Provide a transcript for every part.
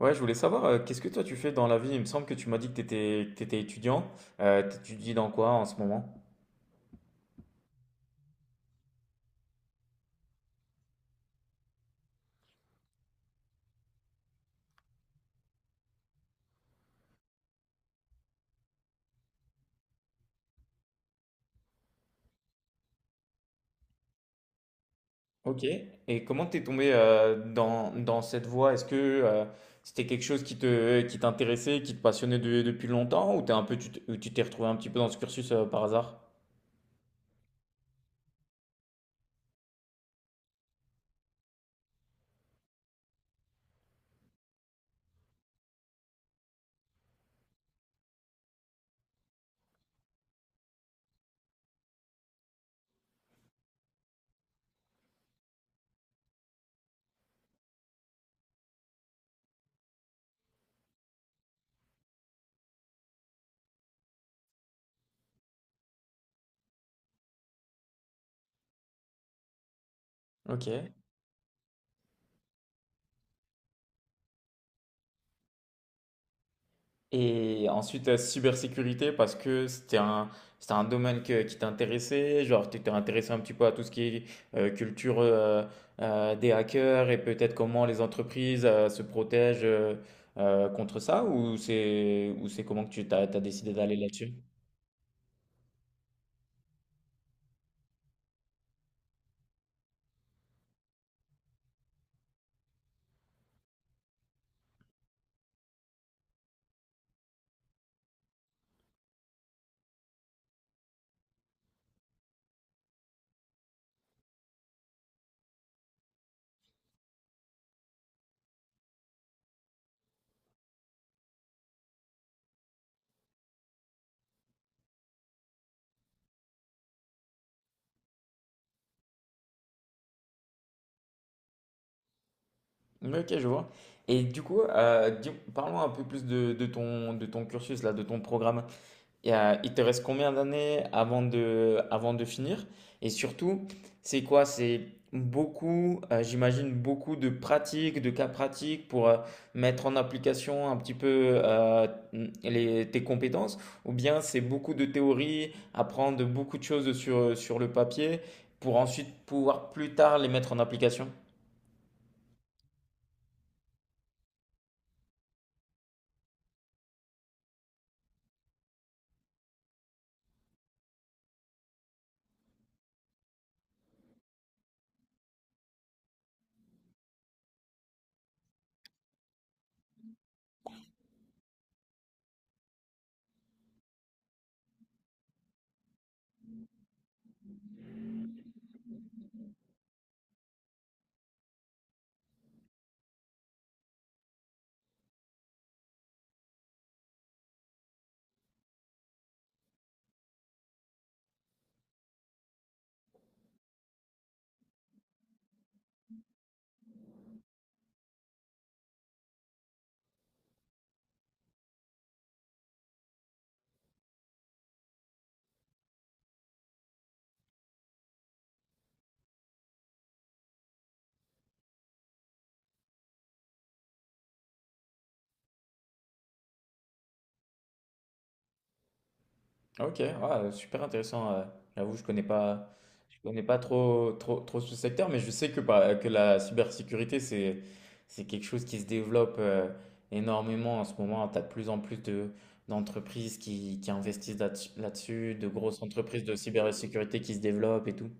Ouais, je voulais savoir, qu'est-ce que toi tu fais dans la vie? Il me semble que tu m'as dit que tu étais, étudiant. T'étudies dans quoi en ce moment? Ok. Et comment t'es tombé dans cette voie? Est-ce que c'était quelque chose qui te, qui t'intéressait, qui te passionnait depuis longtemps, ou t'es un peu, ou tu t'es retrouvé un petit peu dans ce cursus par hasard? Ok. Et ensuite, cybersécurité, parce que c'était un qui t'intéressait, genre tu étais intéressé un petit peu à tout ce qui est culture des hackers et peut-être comment les entreprises se protègent contre ça, ou c'est comment que t'as décidé d'aller là-dessus? Ok, je vois. Et du coup, parlons un peu plus de ton cursus, là, de ton programme. Et, il te reste combien d'années avant de finir? Et surtout, c'est quoi? C'est beaucoup, j'imagine, beaucoup de pratiques, de cas pratiques pour mettre en application un petit peu les, tes compétences, ou bien c'est beaucoup de théorie, apprendre beaucoup de choses sur, sur le papier pour ensuite pouvoir plus tard les mettre en application? Ok, ouais, super intéressant. J'avoue, je connais pas trop, trop, trop ce secteur, mais je sais que, bah, que la cybersécurité, c'est quelque chose qui se développe énormément en ce moment. Tu as de plus en plus de, d'entreprises qui investissent là là-dessus, de grosses entreprises de cybersécurité qui se développent et tout.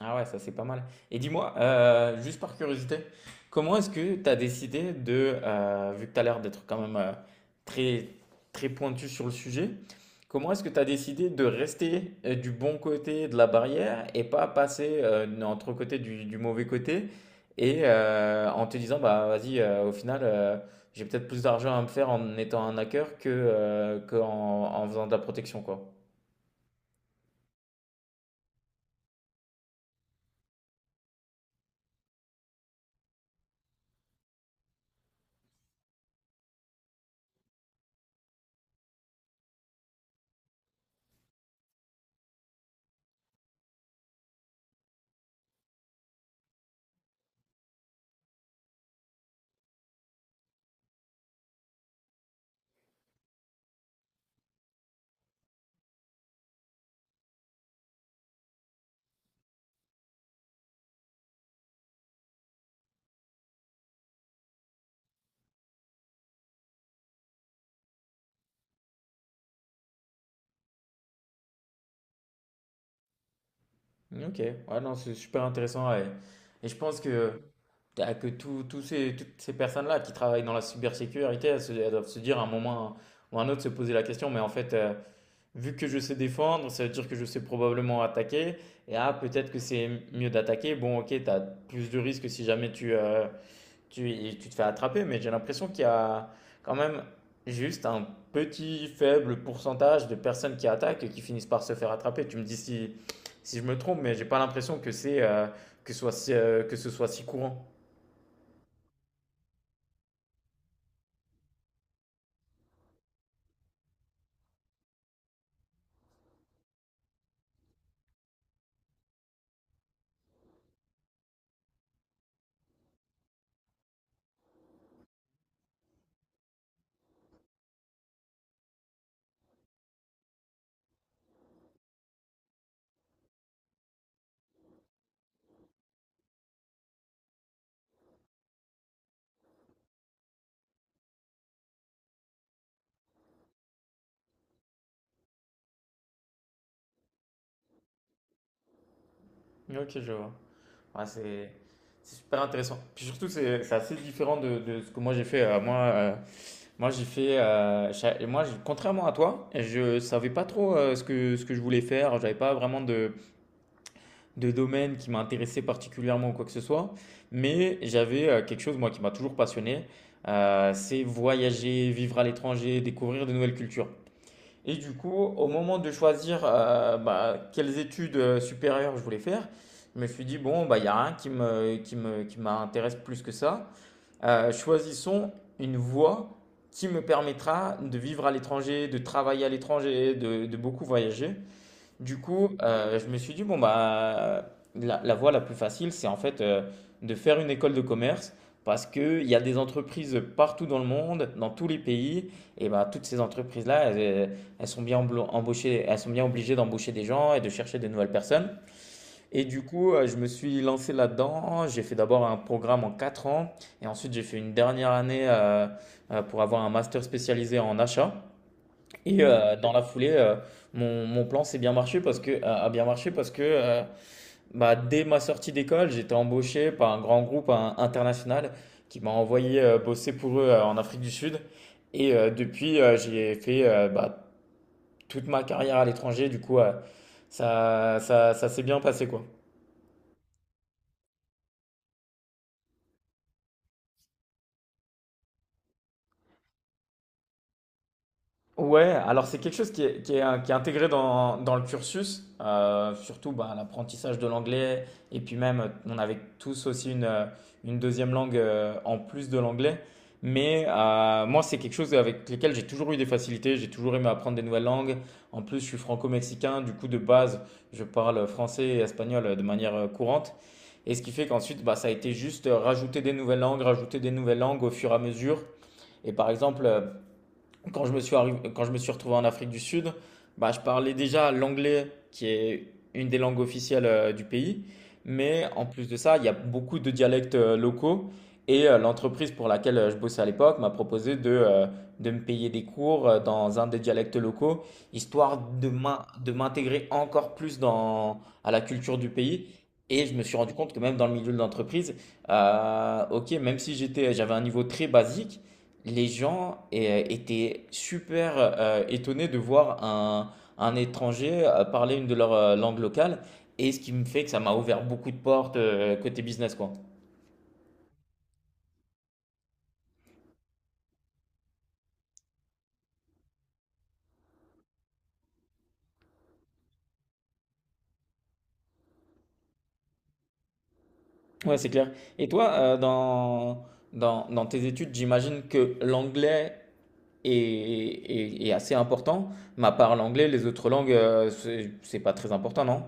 Ah ouais, ça c'est pas mal. Et dis-moi, juste par curiosité, comment est-ce que tu as décidé de, vu que tu as l'air d'être quand même très, très pointu sur le sujet, comment est-ce que tu as décidé de rester du bon côté de la barrière et pas passer entre côté du mauvais côté et en te disant, bah vas-y, au final, j'ai peut-être plus d'argent à me faire en étant un hacker que, qu'en en faisant de la protection, quoi. Ok, ouais, non, c'est super intéressant. Ouais. Et je pense que, que tous ces, toutes ces personnes-là qui travaillent dans la cybersécurité, elles, elles doivent se dire à un moment ou à un autre se poser la question, mais en fait, vu que je sais défendre, ça veut dire que je sais probablement attaquer. Et ah, peut-être que c'est mieux d'attaquer. Bon, ok, tu as plus de risques si jamais tu, tu, tu te fais attraper, mais j'ai l'impression qu'il y a quand même juste un petit faible pourcentage de personnes qui attaquent et qui finissent par se faire attraper. Tu me dis si, si je me trompe, mais j'ai pas l'impression que c'est que ce soit si, que ce soit si courant. Ok, je vois. Ouais, c'est super intéressant. Puis surtout, c'est assez différent de ce que moi j'ai fait. Moi, moi j'ai fait. Et moi, contrairement à toi, je savais pas trop ce que je voulais faire. J'avais pas vraiment de domaine qui m'intéressait particulièrement ou quoi que ce soit, mais j'avais quelque chose, moi, qui m'a toujours passionné, c'est voyager, vivre à l'étranger, découvrir de nouvelles cultures. Et du coup, au moment de choisir bah, quelles études supérieures je voulais faire, je me suis dit, bon, bah, il y a rien qui me, qui me, qui m'intéresse plus que ça. Choisissons une voie qui me permettra de vivre à l'étranger, de travailler à l'étranger, de beaucoup voyager. Du coup, je me suis dit, bon, bah, la voie la plus facile, c'est en fait de faire une école de commerce parce qu'il y a des entreprises partout dans le monde, dans tous les pays, et bah, toutes ces entreprises-là, elles, elles sont bien embauchées, elles sont bien obligées d'embaucher des gens et de chercher de nouvelles personnes. Et du coup, je me suis lancé là-dedans. J'ai fait d'abord un programme en 4 ans, et ensuite j'ai fait une dernière année pour avoir un master spécialisé en achat. Et dans la foulée, mon, mon plan s'est bien marché parce que, a a bien marché parce que bah, dès ma sortie d'école, j'étais embauché par un grand groupe hein, international qui m'a envoyé bosser pour eux en Afrique du Sud. Et depuis, j'ai fait bah, toute ma carrière à l'étranger. Du coup, ça, ça, ça s'est bien passé, quoi. Ouais, alors c'est quelque chose qui est, qui est intégré dans, dans le cursus, surtout bah, l'apprentissage de l'anglais, et puis même on avait tous aussi une deuxième langue en plus de l'anglais, mais moi c'est quelque chose avec lequel j'ai toujours eu des facilités, j'ai toujours aimé apprendre des nouvelles langues, en plus je suis franco-mexicain, du coup de base je parle français et espagnol de manière courante, et ce qui fait qu'ensuite bah, ça a été juste rajouter des nouvelles langues, rajouter des nouvelles langues au fur et à mesure, et par exemple... quand je me suis quand je me suis retrouvé en Afrique du Sud, bah, je parlais déjà l'anglais qui est une des langues officielles du pays, mais en plus de ça, il y a beaucoup de dialectes locaux et l'entreprise pour laquelle je bossais à l'époque m'a proposé de me payer des cours dans un des dialectes locaux, histoire de de m'intégrer encore plus dans à la culture du pays. Et je me suis rendu compte que même dans le milieu de l'entreprise, ok, même si j'étais, j'avais un niveau très basique, les gens étaient super étonnés de voir un étranger parler une de leurs langues locales. Et ce qui me fait que ça m'a ouvert beaucoup de portes côté business, quoi. Ouais, c'est clair. Et toi, dans, dans, dans tes études, j'imagine que l'anglais est, est assez important, mais à part l'anglais, les autres langues, c'est pas très important, non?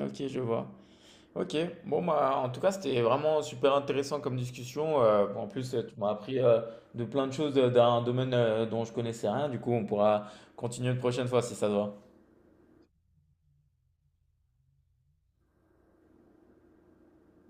Ok, je vois. Ok, bon bah en tout cas c'était vraiment super intéressant comme discussion. En plus tu m'as appris de plein de choses d'un domaine dont je connaissais rien. Du coup on pourra continuer une prochaine fois si ça te va.